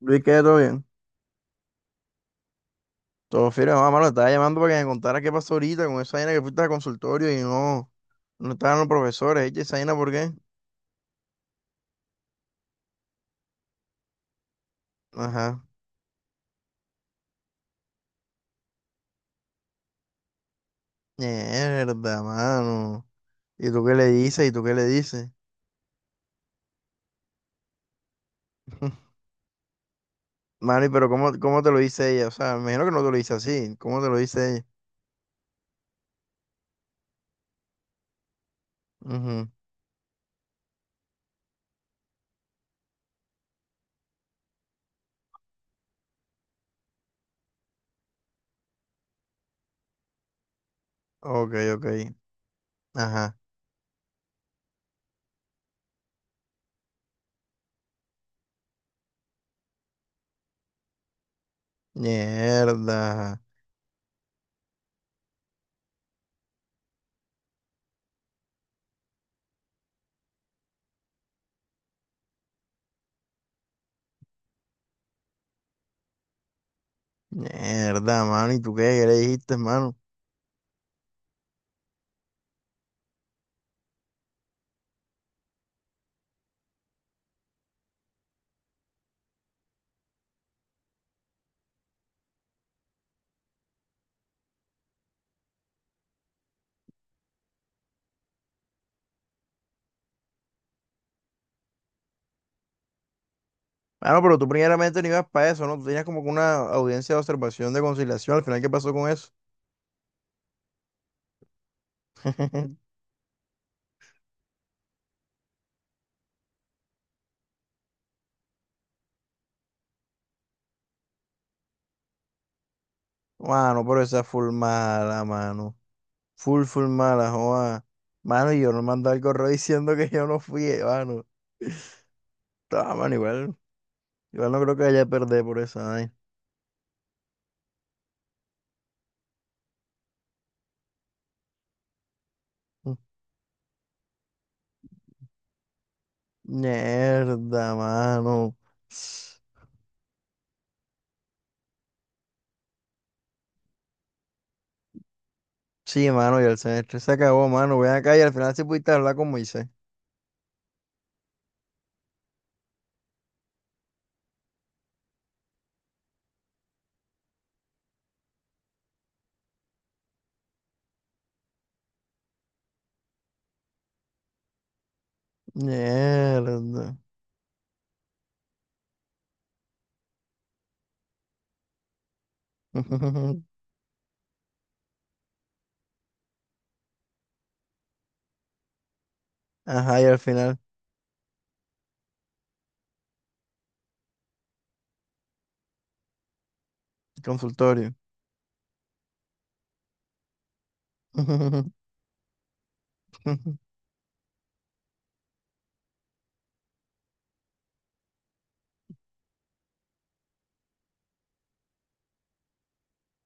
Luis, ¿qué? ¿Todo bien? Todo firme, mamá, mano, estaba llamando para que me contara qué pasó ahorita con esa vaina que fuiste al consultorio y no, no estaban los profesores, eche esa vaina, ¿por qué? Ajá. Mierda, mano. ¿Y tú qué le dices? ¿Y tú qué le dices? Mano, ¿y pero cómo te lo dice ella? O sea, me imagino que no te lo dice así. ¿Cómo te lo dice ella? Ujú. Ok, ok. Ajá. Mierda. Mierda, mano. ¿Y tú qué? ¿Qué le dijiste, mano? Bueno, pero tú primeramente no ibas para eso, ¿no? Tú tenías como que una audiencia de observación de conciliación. Al final, ¿qué pasó con eso? Mano, pero esa full mala, mano. Full, full mala, joa. Mano, y yo no mandé el correo diciendo que yo no fui, mano. Ah, mano, igual. Igual no creo que haya perder por esa vaina. Mierda, mano. Sí, mano, y el semestre se acabó, mano. Ven acá y al final sí pudiste hablar con Moisés. Mierda. Ajá, y al final, consultorio.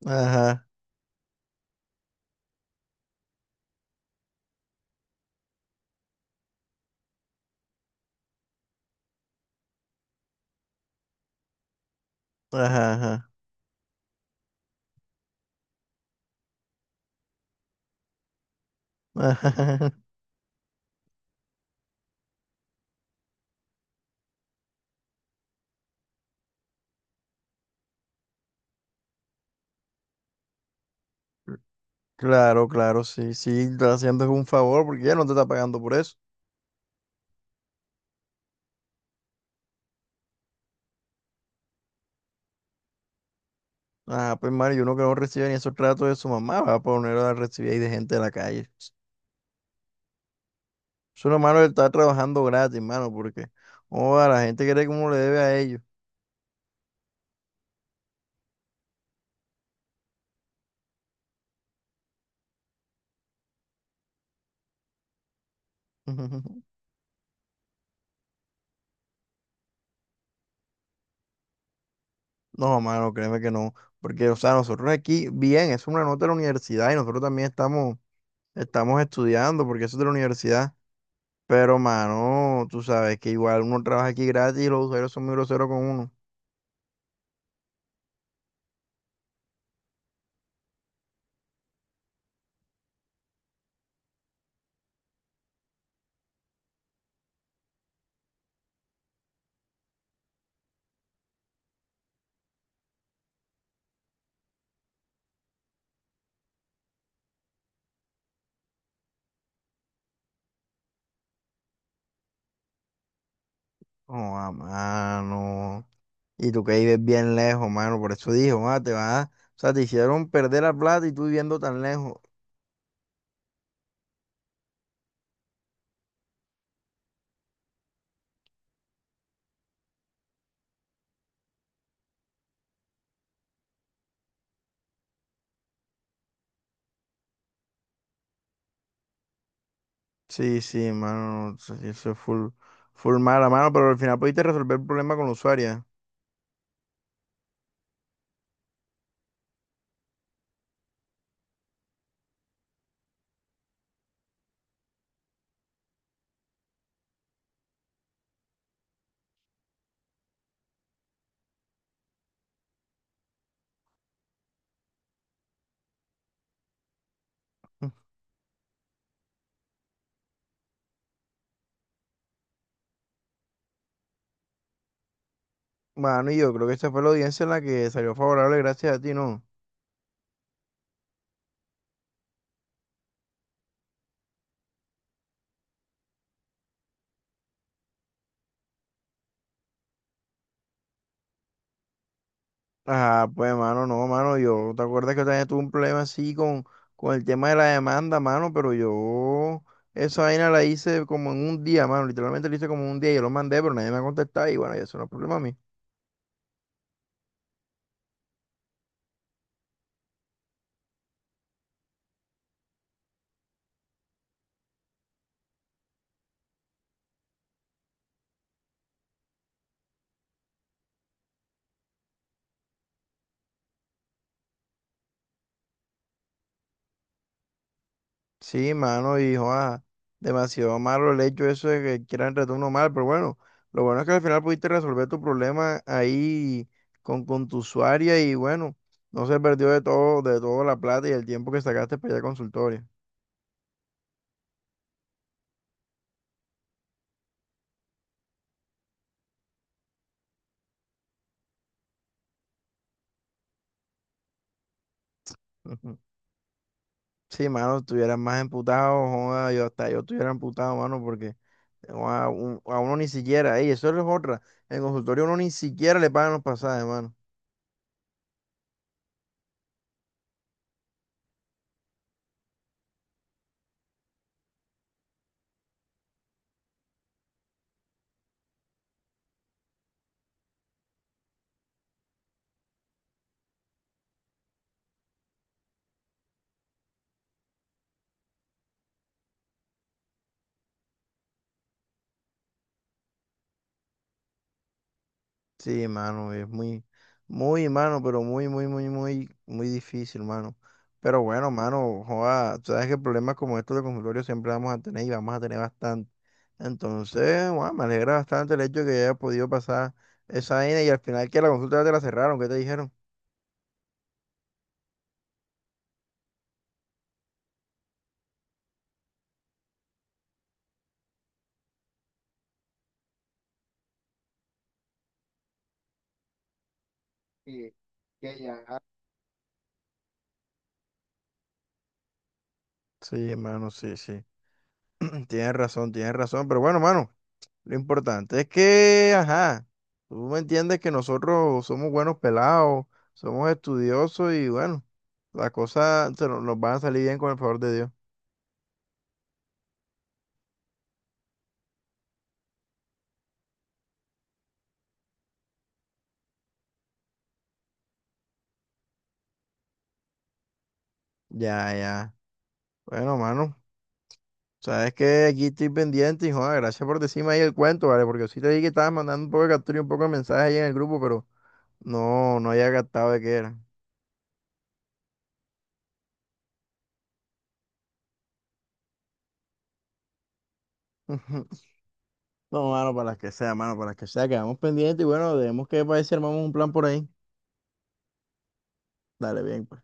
Ajá, ajá, ajá. ajá. Claro, claro, sí, sí, está haciendo un favor porque ya no te está pagando por eso. Ah, pues Mario, uno que no recibe ni esos tratos de su mamá va a poner a recibir ahí de gente de la calle. Es una mano, hermano, está trabajando gratis, mano, porque, oh, la gente cree que uno le debe a ellos. No, mano, créeme que no. Porque, o sea, nosotros aquí, bien, es una nota de la universidad y nosotros también estamos, estamos estudiando porque eso es de la universidad. Pero, mano, tú sabes que igual uno trabaja aquí gratis y los usuarios son muy groseros con uno. Oh, ah, mano. Y tú que vives bien lejos, mano. Por eso dije ah, te vas. O sea, te hicieron perder la plata y tú viviendo tan lejos. Sí, sí, mano. Eso eso es full, full mala, mano. Pero al final pudiste resolver el problema con la usuaria. Mano, y yo creo que esta fue la audiencia en la que salió favorable gracias a ti, ¿no? Ah, pues, mano, no, mano, yo, ¿te acuerdas que yo también tuve un problema así con el tema de la demanda, mano? Pero yo, esa vaina la hice como en un día, mano, literalmente la hice como en un día, yo lo mandé, pero nadie me ha contestado y bueno, y eso no es problema mío. Sí, mano, y joda, demasiado malo el hecho eso de que quieran tratar mal, pero bueno, lo bueno es que al final pudiste resolver tu problema ahí con tu usuaria y bueno, no se perdió de todo, de toda la plata y el tiempo que sacaste para ir al consultorio. Sí, mano, estuvieran más emputado, joda, yo hasta yo estuviera emputado, mano, porque joda, un- a, uno ni siquiera, ey, eso es otra, en el consultorio uno ni siquiera le pagan los pasajes, mano. Sí, mano, es muy, muy, mano, pero muy, muy, muy, muy, muy difícil, mano. Pero bueno, mano, joda, tú sabes que problemas como estos de consultorio siempre vamos a tener y vamos a tener bastante. Entonces, joda, me alegra bastante el hecho de que haya podido pasar esa vaina y al final que la consulta ya te la cerraron, ¿qué te dijeron? Sí, mano, sí, sí. Tienes razón, pero bueno, mano, lo importante es que, ajá, tú me entiendes que nosotros somos buenos pelados, somos estudiosos y bueno, las cosas se nos, nos van a salir bien con el favor de Dios. Ya, ya. Bueno, mano, sabes que aquí estoy pendiente y joder, gracias por decirme ahí el cuento, ¿vale? Porque sí te dije que estabas mandando un poco de captura y un poco de mensajes ahí en el grupo, pero no, no había captado de qué era. No, mano, para las que sea, mano, para las que sea, quedamos pendientes y bueno, debemos que para ver si armamos un plan por ahí. Dale, bien, pues.